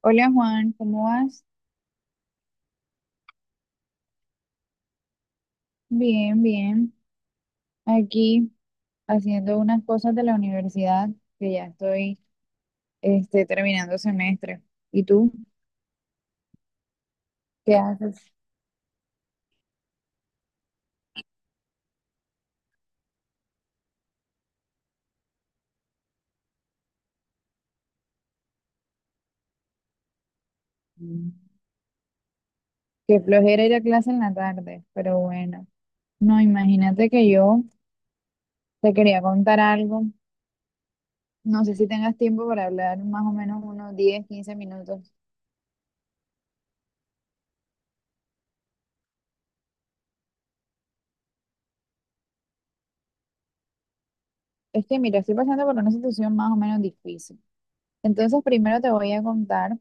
Hola Juan, ¿cómo vas? Bien, bien. Aquí haciendo unas cosas de la universidad que ya estoy terminando semestre. ¿Y tú qué haces? Mm. Qué flojera ir a clase en la tarde, pero bueno. No, imagínate que yo te quería contar algo. No sé si tengas tiempo para hablar más o menos unos 10, 15 minutos. Es que mira, estoy pasando por una situación más o menos difícil. Entonces primero te voy a contar,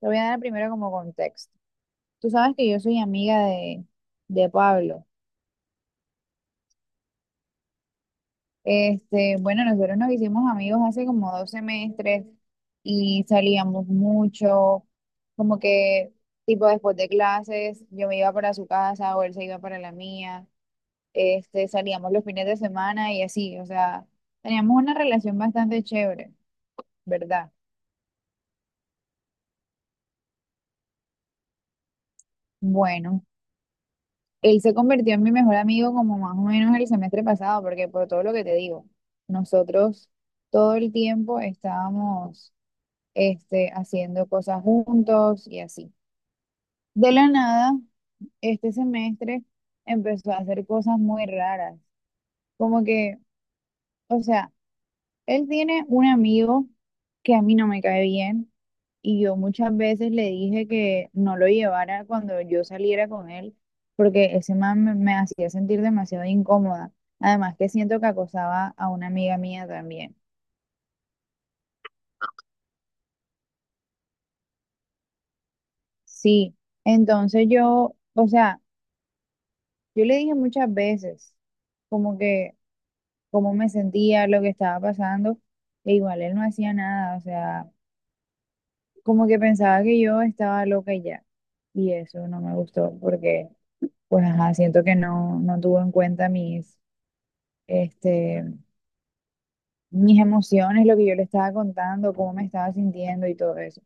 te voy a dar primero como contexto. Tú sabes que yo soy amiga de Pablo. Bueno, nosotros nos hicimos amigos hace como dos semestres y salíamos mucho, como que tipo después de clases, yo me iba para su casa o él se iba para la mía. Salíamos los fines de semana y así, o sea, teníamos una relación bastante chévere, ¿verdad? Bueno, él se convirtió en mi mejor amigo como más o menos el semestre pasado, porque por todo lo que te digo, nosotros todo el tiempo estábamos haciendo cosas juntos y así. De la nada, este semestre empezó a hacer cosas muy raras, como que, o sea, él tiene un amigo que a mí no me cae bien y yo muchas veces le dije que no lo llevara cuando yo saliera con él porque ese man me hacía sentir demasiado incómoda. Además que siento que acosaba a una amiga mía también. Sí, entonces yo, o sea, yo le dije muchas veces como que cómo me sentía, lo que estaba pasando, e igual él no hacía nada, o sea, como que pensaba que yo estaba loca y ya. Y eso no me gustó porque, pues, ajá, siento que no, no tuvo en cuenta este, mis emociones, lo que yo le estaba contando, cómo me estaba sintiendo y todo eso.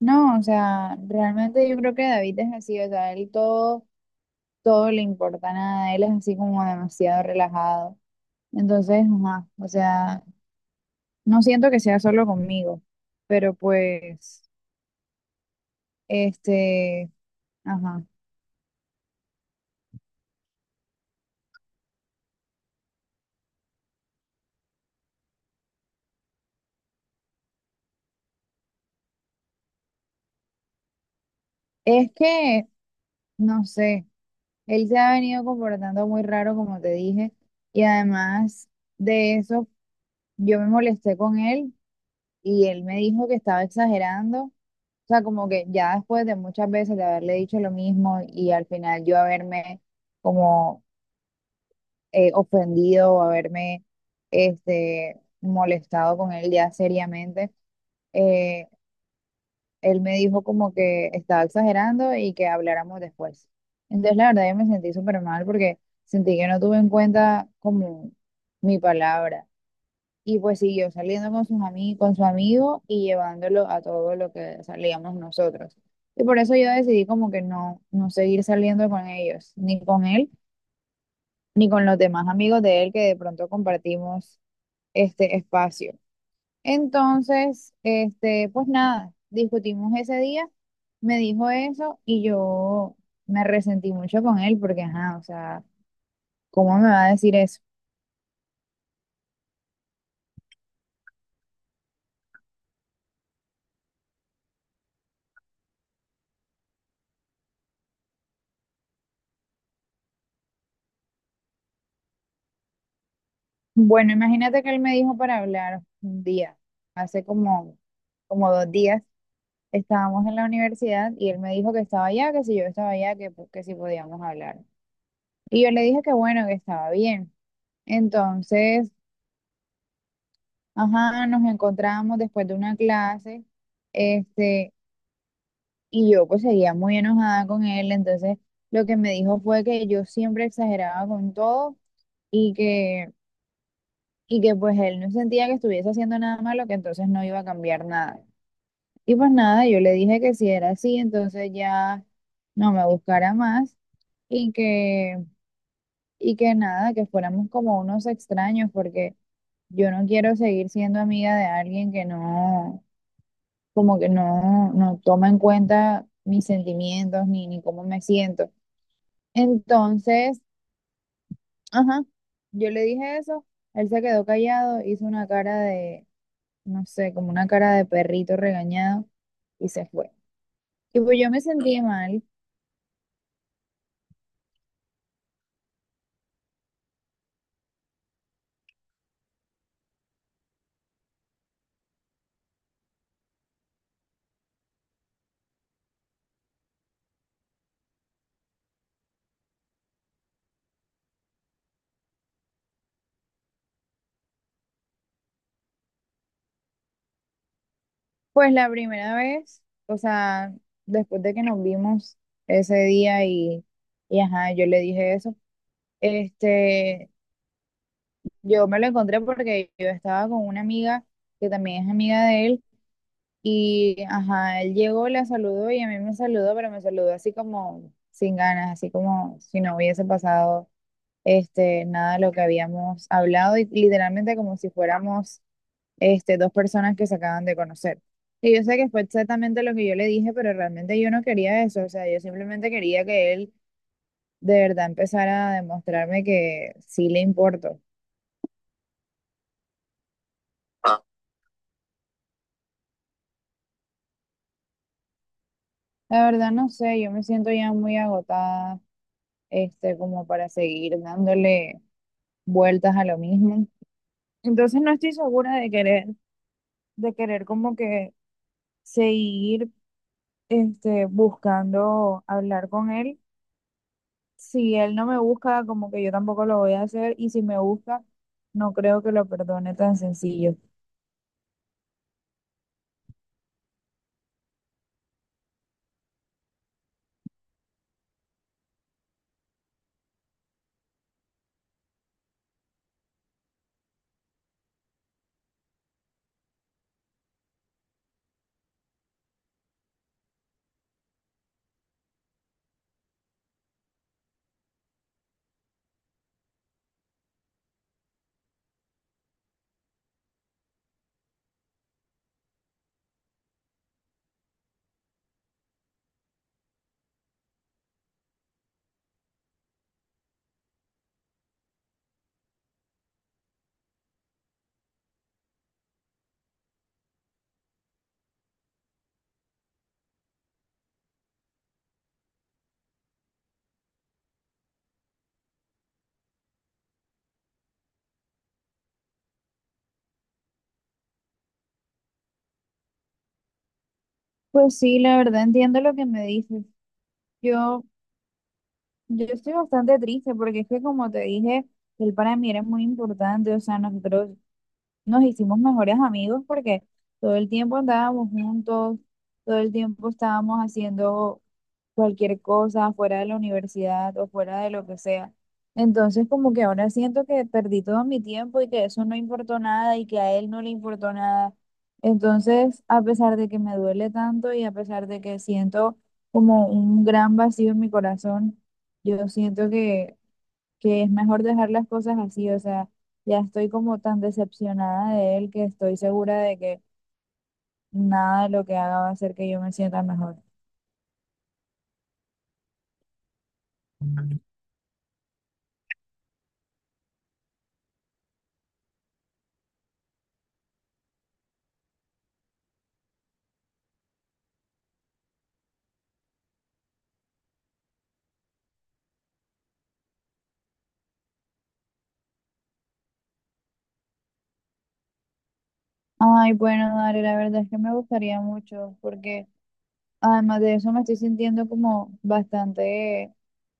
No, o sea, realmente yo creo que David es así, o sea, él todo le importa nada, él es así como demasiado relajado. Entonces, ajá, o sea, no siento que sea solo conmigo, pero pues, este, ajá. Es que, no sé. Él se ha venido comportando muy raro, como te dije, y además de eso, yo me molesté con él y él me dijo que estaba exagerando. O sea, como que ya después de muchas veces de haberle dicho lo mismo y al final yo haberme como ofendido o haberme molestado con él ya seriamente, eh, él me dijo como que estaba exagerando y que habláramos después. Entonces, la verdad, yo me sentí súper mal porque sentí que no tuve en cuenta como mi palabra. Y pues siguió saliendo con sus ami con su amigo y llevándolo a todo lo que salíamos nosotros. Y por eso yo decidí como que no, no seguir saliendo con ellos, ni con él, ni con los demás amigos de él que de pronto compartimos este espacio. Entonces, pues nada, discutimos ese día, me dijo eso y yo me resentí mucho con él porque, ajá, o sea, ¿cómo me va a decir eso? Bueno, imagínate que él me dijo para hablar un día, hace como dos días, estábamos en la universidad y él me dijo que estaba allá, que si yo estaba allá, que si podíamos hablar. Y yo le dije que bueno, que estaba bien. Entonces, ajá, nos encontramos después de una clase. Este, Y yo pues seguía muy enojada con él, entonces lo que me dijo fue que yo siempre exageraba con todo y que, y que pues él no sentía que estuviese haciendo nada malo, que entonces no iba a cambiar nada. Y pues nada, yo le dije que si era así, entonces ya no me buscara más y que, y que nada, que fuéramos como unos extraños, porque yo no quiero seguir siendo amiga de alguien que no, como que no, no toma en cuenta mis sentimientos ni cómo me siento. Entonces, ajá, yo le dije eso, él se quedó callado, hizo una cara de, no sé, como una cara de perrito regañado y se fue. Y pues yo me sentí mal, pues la primera vez, o sea, después de que nos vimos ese día y ajá, yo le dije eso, este, yo me lo encontré porque yo estaba con una amiga que también es amiga de él. Y, ajá, él llegó, la saludó y a mí me saludó, pero me saludó así como sin ganas, así como si no hubiese pasado nada de lo que habíamos hablado y literalmente como si fuéramos dos personas que se acaban de conocer. Y yo sé que fue exactamente lo que yo le dije, pero realmente yo no quería eso, o sea, yo simplemente quería que él de verdad empezara a demostrarme que sí le importo. La verdad no sé, yo me siento ya muy agotada, como para seguir dándole vueltas a lo mismo. Entonces no estoy segura de querer, como que seguir buscando hablar con él. Si él no me busca, como que yo tampoco lo voy a hacer, y si me busca, no creo que lo perdone tan sencillo. Pues sí, la verdad entiendo lo que me dices. Yo, yo estoy bastante triste porque es que como te dije, él para mí era muy importante, o sea, nosotros nos hicimos mejores amigos porque todo el tiempo andábamos juntos, todo el tiempo estábamos haciendo cualquier cosa fuera de la universidad o fuera de lo que sea. Entonces como que ahora siento que perdí todo mi tiempo y que eso no importó nada y que a él no le importó nada. Entonces, a pesar de que me duele tanto y a pesar de que siento como un gran vacío en mi corazón, yo siento que es mejor dejar las cosas así, o sea, ya estoy como tan decepcionada de él que estoy segura de que nada de lo que haga va a hacer que yo me sienta mejor. Ay, bueno, Dari, la verdad es que me gustaría mucho, porque además de eso me estoy sintiendo como bastante,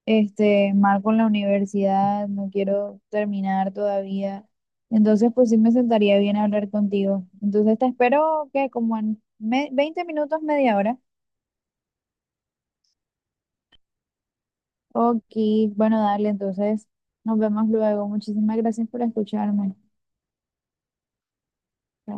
mal con la universidad, no quiero terminar todavía. Entonces, pues sí me sentaría bien hablar contigo. Entonces, te espero que como en 20 minutos, media hora. Ok, bueno, dale, entonces nos vemos luego. Muchísimas gracias por escucharme. Chao.